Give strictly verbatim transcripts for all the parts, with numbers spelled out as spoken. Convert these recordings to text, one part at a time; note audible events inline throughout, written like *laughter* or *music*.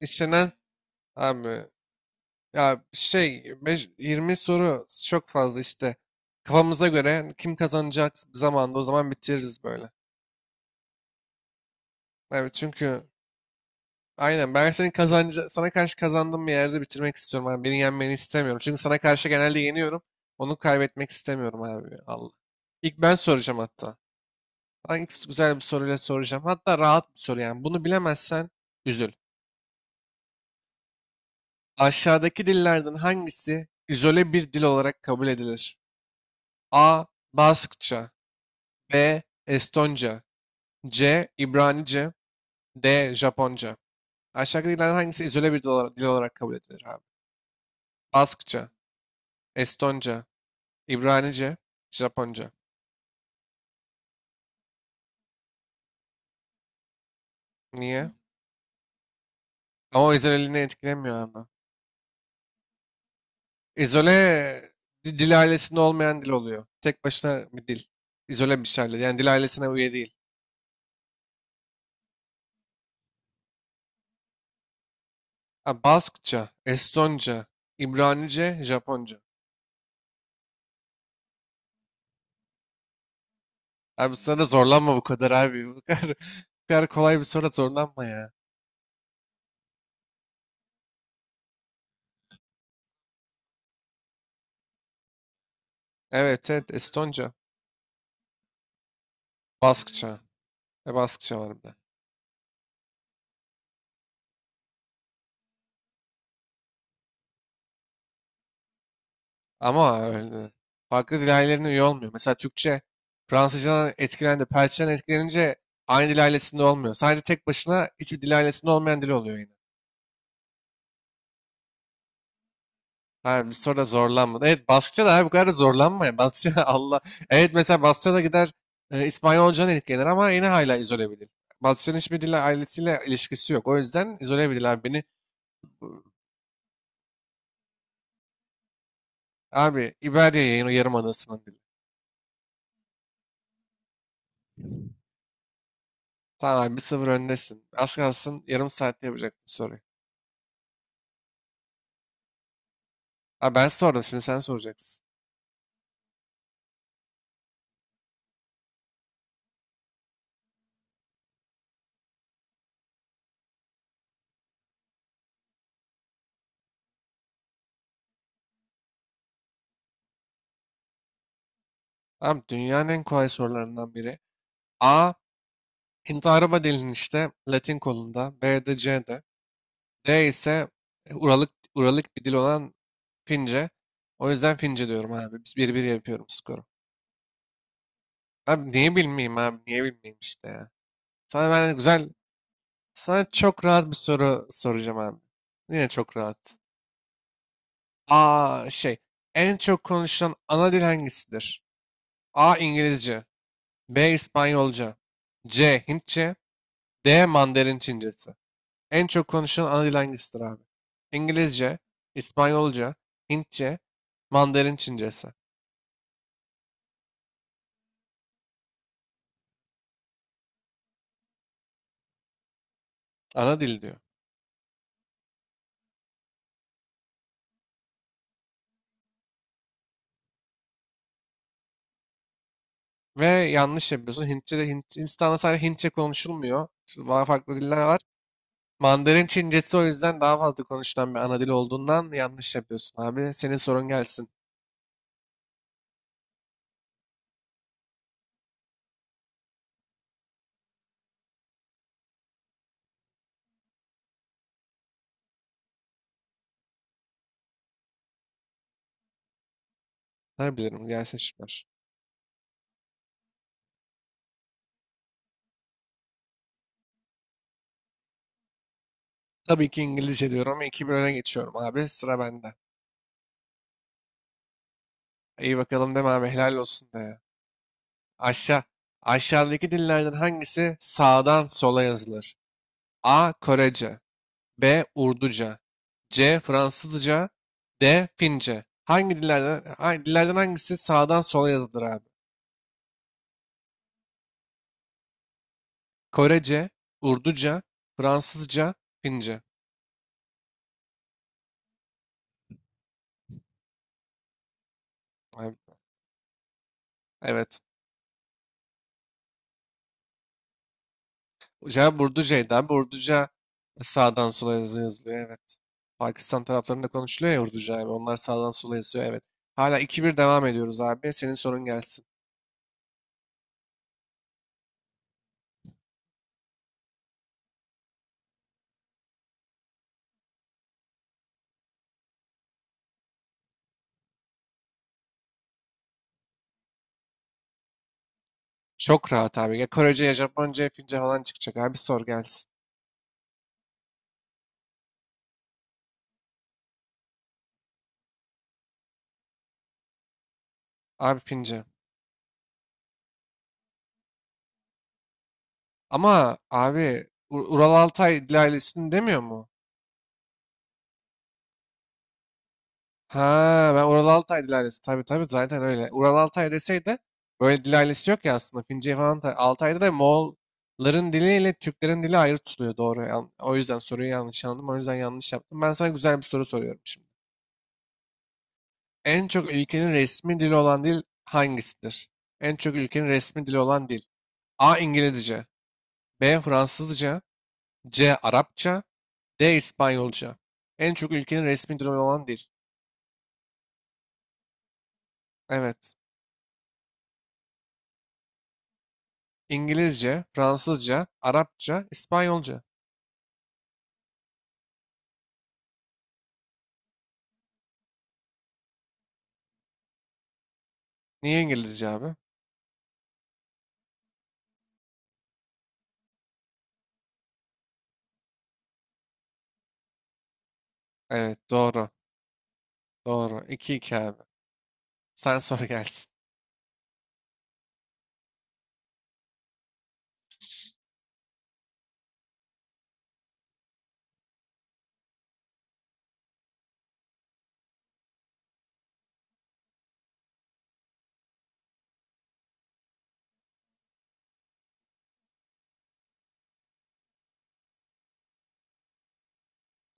İşlenen abi, ya şey, beş- yirmi soru çok fazla işte. Kafamıza göre kim kazanacak zamanda o zaman bitiririz böyle. Evet, çünkü aynen, ben senin kazanca sana karşı kazandığım bir yerde bitirmek istiyorum abi. Beni yenmeni istemiyorum. Çünkü sana karşı genelde yeniyorum. Onu kaybetmek istemiyorum abi. Allah. İlk ben soracağım hatta. Ben ilk güzel bir soruyla soracağım. Hatta rahat bir soru yani. Bunu bilemezsen üzül. Aşağıdaki dillerden hangisi izole bir dil olarak kabul edilir? A. Baskça, B. Estonca, C. İbranice, D. Japonca. Aşağıdakilerden hangisi izole bir dil olarak, dil olarak kabul edilir abi? Baskça, Estonca, İbranice, Japonca. Niye? Ama o izoleliğini etkilemiyor ama? İzole di- dil ailesinde olmayan dil oluyor. Tek başına bir dil. İzole bir şey. Yani dil ailesine üye değil. Ha, Baskça, Estonca, İbranice, Japonca. Abi, sana zorlanma bu kadar abi. Bu kadar, *laughs* bu kadar kolay bir soru, zorlanma ya. Evet, evet, Estonca. Baskça. E, Baskça var bir de. Ama öyle. Farklı dil ailelerine üye olmuyor. Mesela Türkçe Fransızcadan etkilendi. Perçin'den etkilenince aynı dil ailesinde olmuyor. Sadece tek başına hiçbir dil ailesinde olmayan dil oluyor yine. Ha, bir soruda zorlanma. Evet, Baskça da abi, bu kadar da zorlanma ya. Baskça. *laughs* Allah. Evet, mesela Baskça da gider, e, İspanyolcadan etkilenir ama yine hala izole bir dil. Baskça'nın hiçbir dille ailesiyle ilişkisi yok. O yüzden izole bir dil abi. Beni, abi, İberya yayın o yarım adası'nın dili. Tamam abi, bir sıfır öndesin. Az kalsın yarım saatte yapacaktın soruyu. Abi ben sordum, şimdi sen soracaksın. Abi, dünyanın en kolay sorularından biri. A. Hint araba dilinin işte Latin kolunda. B de, C de. D ise Uralık, Uralık bir dil olan Fince. O yüzden Fince diyorum abi. Biz bir bir yapıyorum skoru. Abi niye bilmeyeyim abi? Niye bilmeyeyim işte ya. Sana ben güzel, sana çok rahat bir soru soracağım abi. Yine çok rahat. Aa, şey, en çok konuşulan ana dil hangisidir? A. İngilizce, B. İspanyolca, C. Hintçe, D. Mandarin Çincesi. En çok konuşulan ana dil hangisidir abi? İngilizce, İspanyolca, Hintçe, Mandarin Çincesi. Ana dil diyor. Ve yanlış yapıyorsun. Hintçe de, Hint, Hindistan'da sadece Hintçe konuşulmuyor. Şu daha farklı diller var. Mandarin Çincesi o yüzden daha fazla konuşulan bir ana dil olduğundan yanlış yapıyorsun abi. Senin sorun gelsin. Ne bilirim, gelsin şıklar. Tabii ki İngilizce diyorum ama iki bire öne geçiyorum abi. Sıra bende. İyi bakalım deme abi, helal olsun de ya. Aşağı. Aşağıdaki dillerden hangisi sağdan sola yazılır? A. Korece, B. Urduca, C. Fransızca, D. Fince. Hangi dillerden, hangi dillerden hangisi sağdan sola yazılır abi? Korece, Urduca, Fransızca, Fince. Abi, evet. Cevap Urduca'ydı abi. Urduca sağdan sola. Yazı- yazılıyor. Evet. Pakistan taraflarında konuşuluyor ya Urduca abi. Onlar sağdan sola yazıyor. Evet. Hala iki bir devam ediyoruz abi. Senin sorun gelsin. Çok rahat abi. Ya Korece, ya Japonca, ya Fince falan çıkacak abi. Sor gelsin. Abi Fince. Ama abi, U- Ural Altay Dil Ailesi'ni demiyor mu? Ha, ben Ural Altay Dil Ailesi, tabii tabii, zaten öyle. Ural Altay deseydi, böyle Dil Ailesi yok ya aslında. Fince falan da- Altay'da da Moğolların diliyle Türklerin dili ayrı tutuluyor, doğru. Yan- O yüzden soruyu yanlış anladım. O yüzden yanlış yaptım. Ben sana güzel bir soru soruyorum şimdi. En çok ülkenin resmi dili olan dil hangisidir? En çok ülkenin resmi dili olan dil. A. İngilizce. B. Fransızca. C. Arapça. D. İspanyolca. En çok ülkenin resmi dili olan dil. Evet. İngilizce, Fransızca, Arapça, İspanyolca. Niye İngilizce abi? Evet doğru. Doğru. 2 iki abi. Sen *laughs* sor gelsin.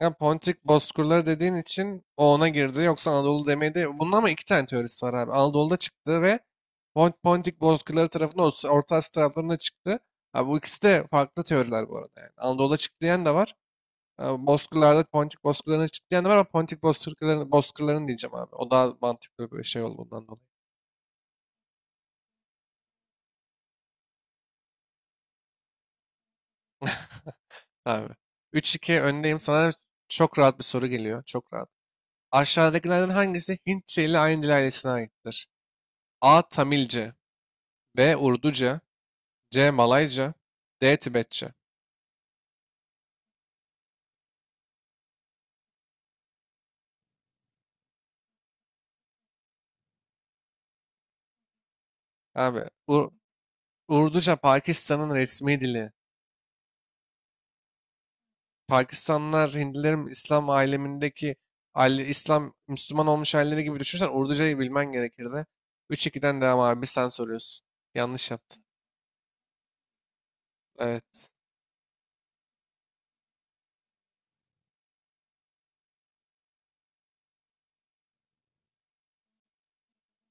Ya Pontik Bozkırları dediğin için o ona girdi. Yoksa Anadolu demedi. Bunun ama iki tane teorisi var abi. Anadolu'da çıktı ve Pont Pontik Bozkırları tarafına, Orta Asya taraflarına çıktı. Abi bu ikisi de farklı teoriler bu arada yani. Anadolu'da çıktı diyen de var. e, Bozkırlar'da, Pontik Bozkırlar'ına çıktı diyen var ama Pontik Bozkırlar'ın Bozkırlar'ın diyeceğim abi. O daha mantıklı bir şey olduğundan dolayı. Abi. üç iki öndeyim. Sana çok rahat bir soru geliyor. Çok rahat. Aşağıdakilerden hangisi Hintçe ile Ayndice ailesine aittir? A. Tamilce, B. Urduca, C. Malayca, D. Tibetçe. Abi, Ur- Urduca Pakistan'ın resmi dili. Pakistanlılar, Hintlilerin İslam alemindeki aile, İslam, Müslüman olmuş aileleri gibi düşünsen Urducayı bilmen gerekirdi. Üç ikiden devam abi, sen soruyorsun. Yanlış yaptın. Evet.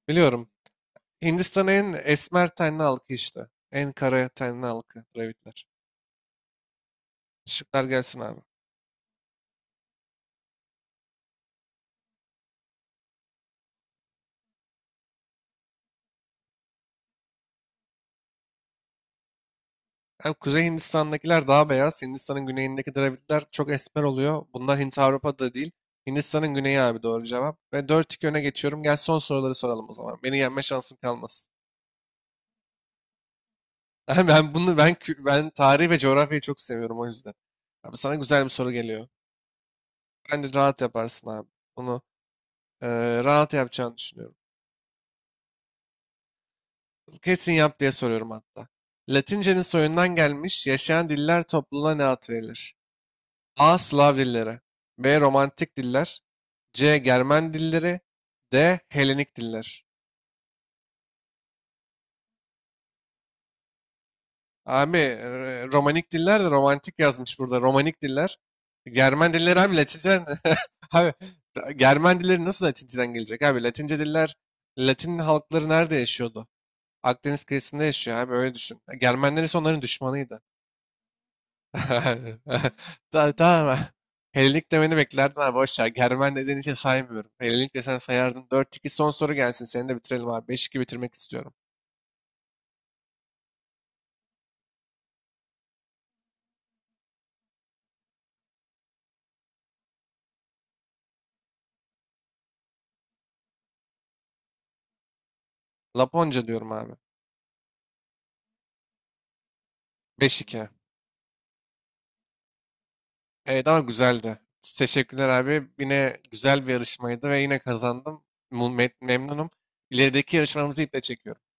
Biliyorum. Hindistan'ın en esmer tenli halkı işte. En kara tenli halkı Dravidler. Işıklar gelsin abi. Yani Kuzey Hindistan'dakiler daha beyaz. Hindistan'ın güneyindeki Dravidler çok esmer oluyor. Bunlar Hint Avrupa'da değil. Hindistan'ın güneyi abi doğru cevap. Ve dört iki öne geçiyorum. Gel, son soruları soralım o zaman. Beni yenme şansın kalmasın. *laughs* ben bunu ben kü- ben tarih ve coğrafyayı çok seviyorum o yüzden. Abi sana güzel bir soru geliyor. Bence rahat yaparsın abi. Bunu eee, rahat yapacağını düşünüyorum. Kesin yap diye soruyorum hatta. Latince'nin soyundan gelmiş yaşayan diller topluluğuna ne ad verilir? A. Slav dilleri. B. Romantik diller. C. Germen dilleri. D. Helenik diller. Abi, e, romanik diller de romantik yazmış burada. Romanik diller. Germen dilleri abi Latince. *laughs* Abi, Germen dilleri nasıl Latinceden gelecek abi? Latince diller, Latin halkları nerede yaşıyordu? Akdeniz kıyısında yaşıyor abi, öyle düşün. Germenler ise onların düşmanıydı. *laughs* Ta- Tamam. Helenik demeni beklerdim abi, boş ver. Germen dediğin için saymıyorum. Helenik desen sayardım. Dört iki, son soru gelsin. Seni de bitirelim abi. Beş iki bitirmek istiyorum. Laponca diyorum abi. Beş iki. Evet ama güzeldi. Teşekkürler abi. Yine güzel bir yarışmaydı ve yine kazandım. Mu- me- Memnunum. İlerideki yarışmamızı iple çekiyorum.